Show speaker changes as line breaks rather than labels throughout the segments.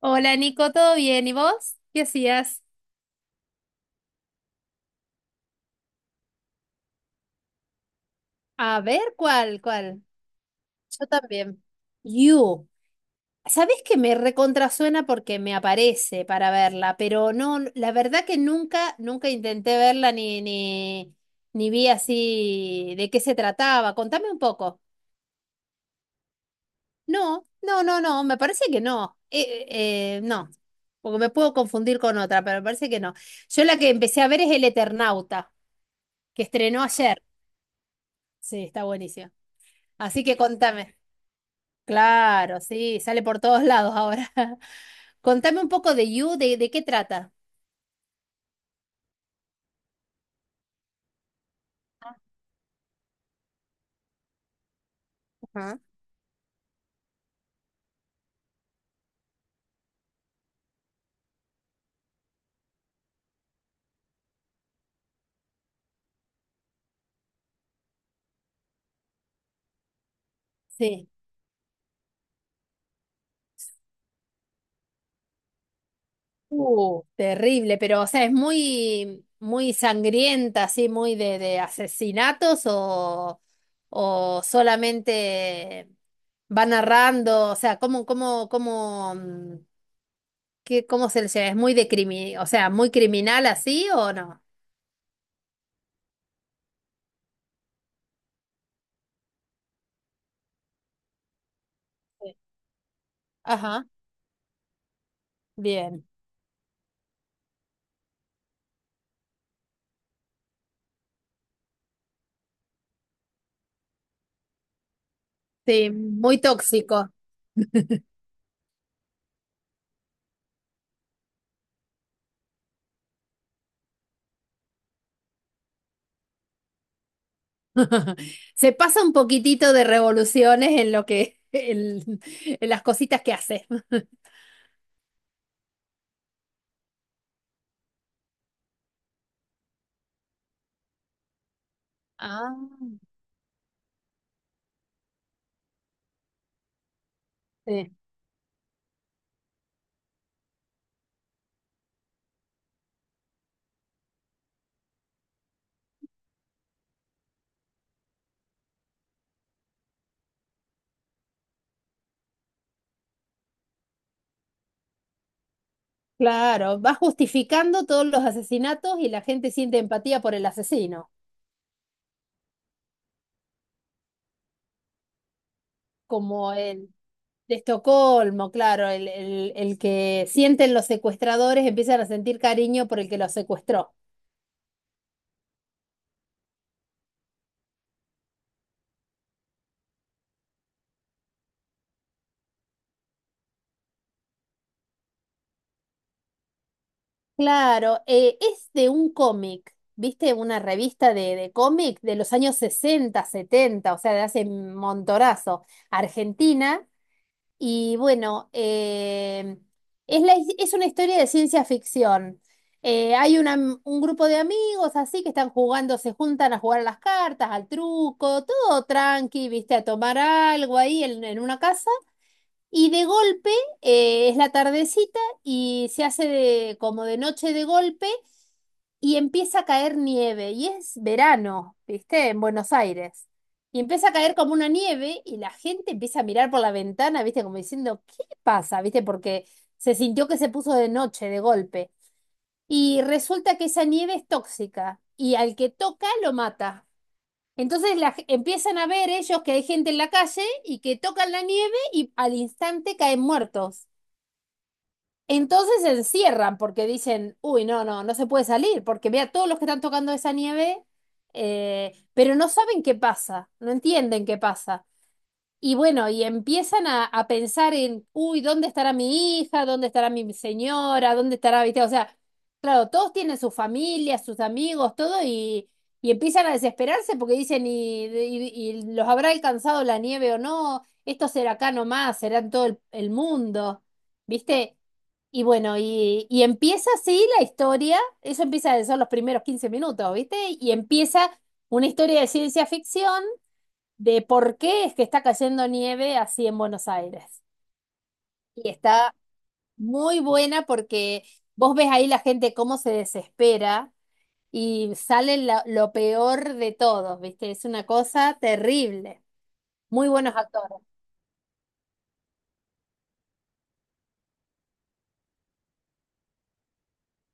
Hola Nico, ¿todo bien? ¿Y vos? ¿Qué hacías? A ver, ¿cuál? ¿Cuál? Yo también. You. ¿Sabés que me recontrasuena porque me aparece para verla? Pero no, la verdad que nunca intenté verla ni vi así de qué se trataba. Contame un poco. No, no, no, no, me parece que no. No, porque me puedo confundir con otra, pero me parece que no. Yo la que empecé a ver es El Eternauta, que estrenó ayer. Sí, está buenísima. Así que contame. Claro, sí, sale por todos lados ahora. Contame un poco de You, de qué trata. Ajá. Sí. Terrible, pero o sea, es muy, muy sangrienta, así, muy de asesinatos o solamente va narrando, o sea, cómo se le llama, es muy de crimi, o sea, muy criminal así o no. Sí. Ajá, bien. Sí, muy tóxico. Se pasa un poquitito de revoluciones en lo en las cositas que hace. Ah, sí. Claro, va justificando todos los asesinatos y la gente siente empatía por el asesino, como el de Estocolmo, claro, el que sienten los secuestradores empiezan a sentir cariño por el que los secuestró. Claro, es de un cómic, ¿viste? Una revista de cómic de los años 60 70, o sea, de hace montorazo, Argentina. Y bueno, es, es una historia de ciencia ficción. Eh, hay una- un grupo de amigos así que están jugando, se juntan a jugar a las cartas, al truco, todo tranqui, ¿viste? A tomar algo ahí en una casa. Y de golpe, es la tardecita y como de noche de golpe y empieza a caer nieve, y es verano, ¿viste? En Buenos Aires. Y empieza a caer como una nieve y la gente empieza a mirar por la ventana, ¿viste? Como diciendo, ¿qué pasa? ¿Viste? Porque se sintió que se puso de noche, de golpe. Y resulta que esa nieve es tóxica y al que toca lo mata. Entonces empiezan a ver ellos que hay gente en la calle y que tocan la nieve y al instante caen muertos. Entonces se encierran porque dicen, uy, no, no, no se puede salir, porque vea todos los que están tocando esa nieve, pero no saben qué pasa, no entienden qué pasa. Y bueno, y empiezan a pensar en, uy, ¿dónde estará mi hija? ¿Dónde estará mi señora? ¿Dónde estará, viste? O sea, claro, todos tienen su familia, sus amigos, todo, y empiezan a desesperarse porque dicen, ¿y los habrá alcanzado la nieve o no? ¿Esto será acá nomás, será en todo el mundo, ¿viste? Y bueno, y empieza así la historia, eso empieza a ser los primeros 15 minutos, ¿viste? Y empieza una historia de ciencia ficción de por qué es que está cayendo nieve así en Buenos Aires. Y está muy buena porque vos ves ahí la gente cómo se desespera y lo peor de todos, ¿viste? Es una cosa terrible. Muy buenos actores,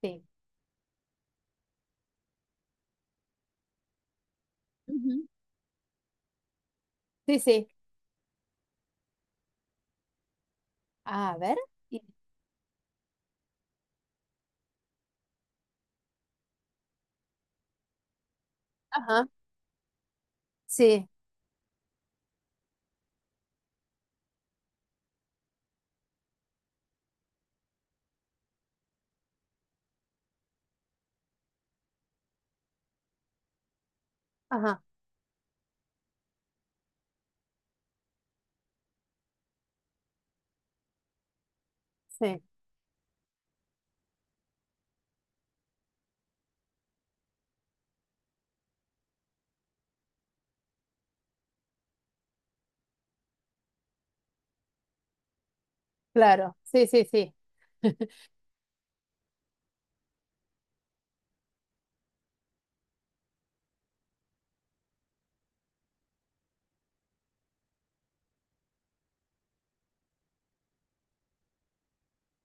sí. Ujú. Sí, sí. A ver. y- Ajá. Sí. Ajá. Sí. Claro. Sí, sí, sí.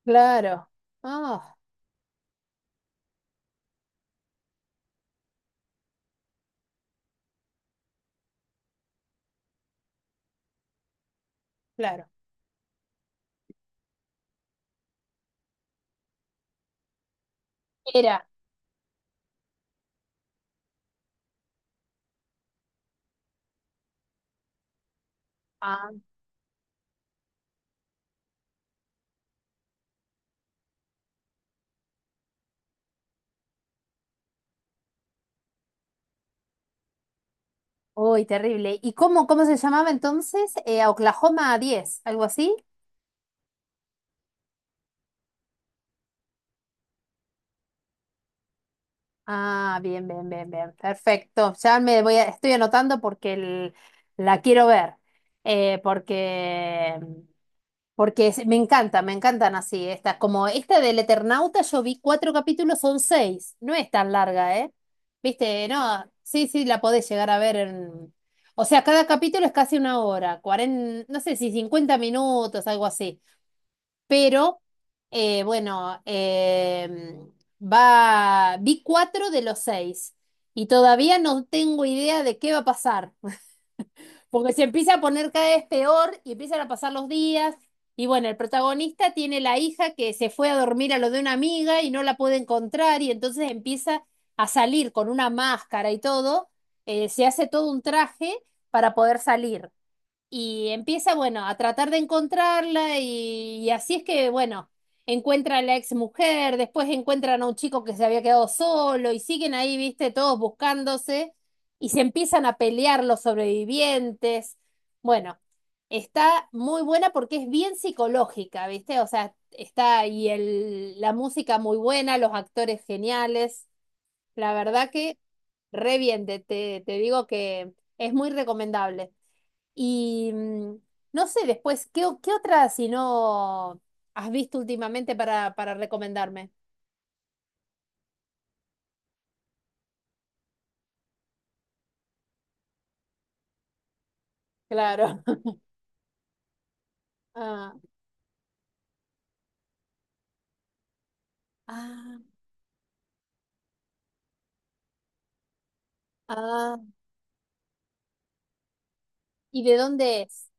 Claro. Ah, claro. Era. Ah, uy, terrible. ¿Y cómo, cómo se llamaba entonces? Oklahoma 10 algo así. Ah, bien, bien, bien, bien. Perfecto. Estoy anotando porque la quiero ver. Eh, porque porque me encanta, me encantan así estas. Como esta del Eternauta, yo vi cuatro capítulos, son seis. No es tan larga, ¿eh? Viste, no, sí, sí, la podés llegar a ver en... O sea, cada capítulo es casi una hora, no sé si 50 minutos, algo así. Pero bueno, vi cuatro de los seis y todavía no tengo idea de qué va a pasar, porque se empieza a poner cada vez peor y empiezan a pasar los días. Y bueno, el protagonista tiene la hija que se fue a dormir a lo de una amiga y no la puede encontrar y entonces empieza a salir con una máscara y todo, se hace todo un traje para poder salir. Y empieza, bueno, a tratar de encontrarla y así es que, bueno, encuentra a la ex mujer, después encuentran a un chico que se había quedado solo y siguen ahí, viste, todos buscándose y se empiezan a pelear los sobrevivientes. Bueno, está muy buena porque es bien psicológica, viste, o sea, está y la música muy buena, los actores geniales. La verdad que re bien, te digo que es muy recomendable. Y no sé después, ¿qué otra si no has visto últimamente para recomendarme? Claro. Ah, ah, ah. ¿Y de dónde es?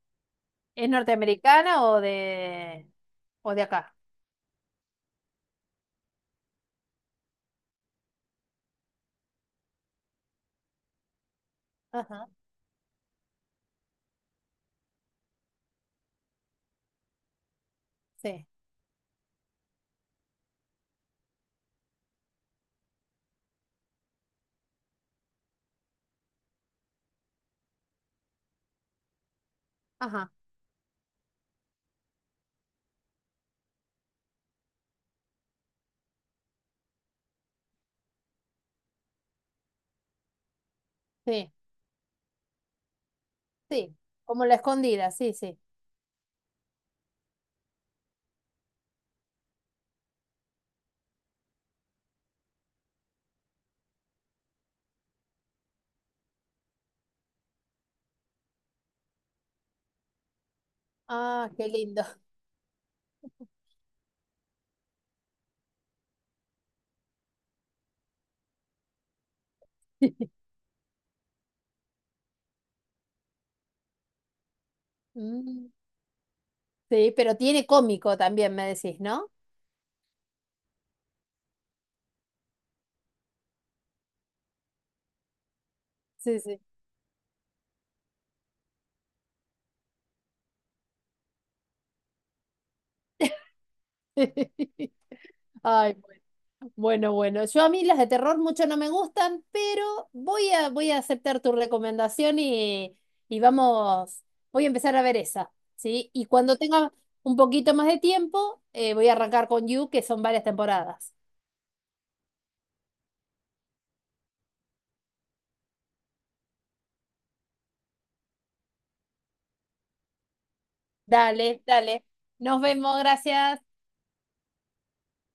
¿Es norteamericana o de acá? Ajá, sí. Ajá, sí, sí. Como la escondida, sí, sí. Ah, qué lindo. Mm, sí, pero tiene cómico también, me decís, ¿no? Sí, sí. Ay, bueno, bueno, bueno. Yo a mí las de terror mucho no me gustan, pero voy a aceptar tu recomendación y vamos, voy a empezar a ver esa, ¿sí? Y cuando tenga un poquito más de tiempo, voy a arrancar con You, que son varias temporadas. Dale, dale. Nos vemos, gracias.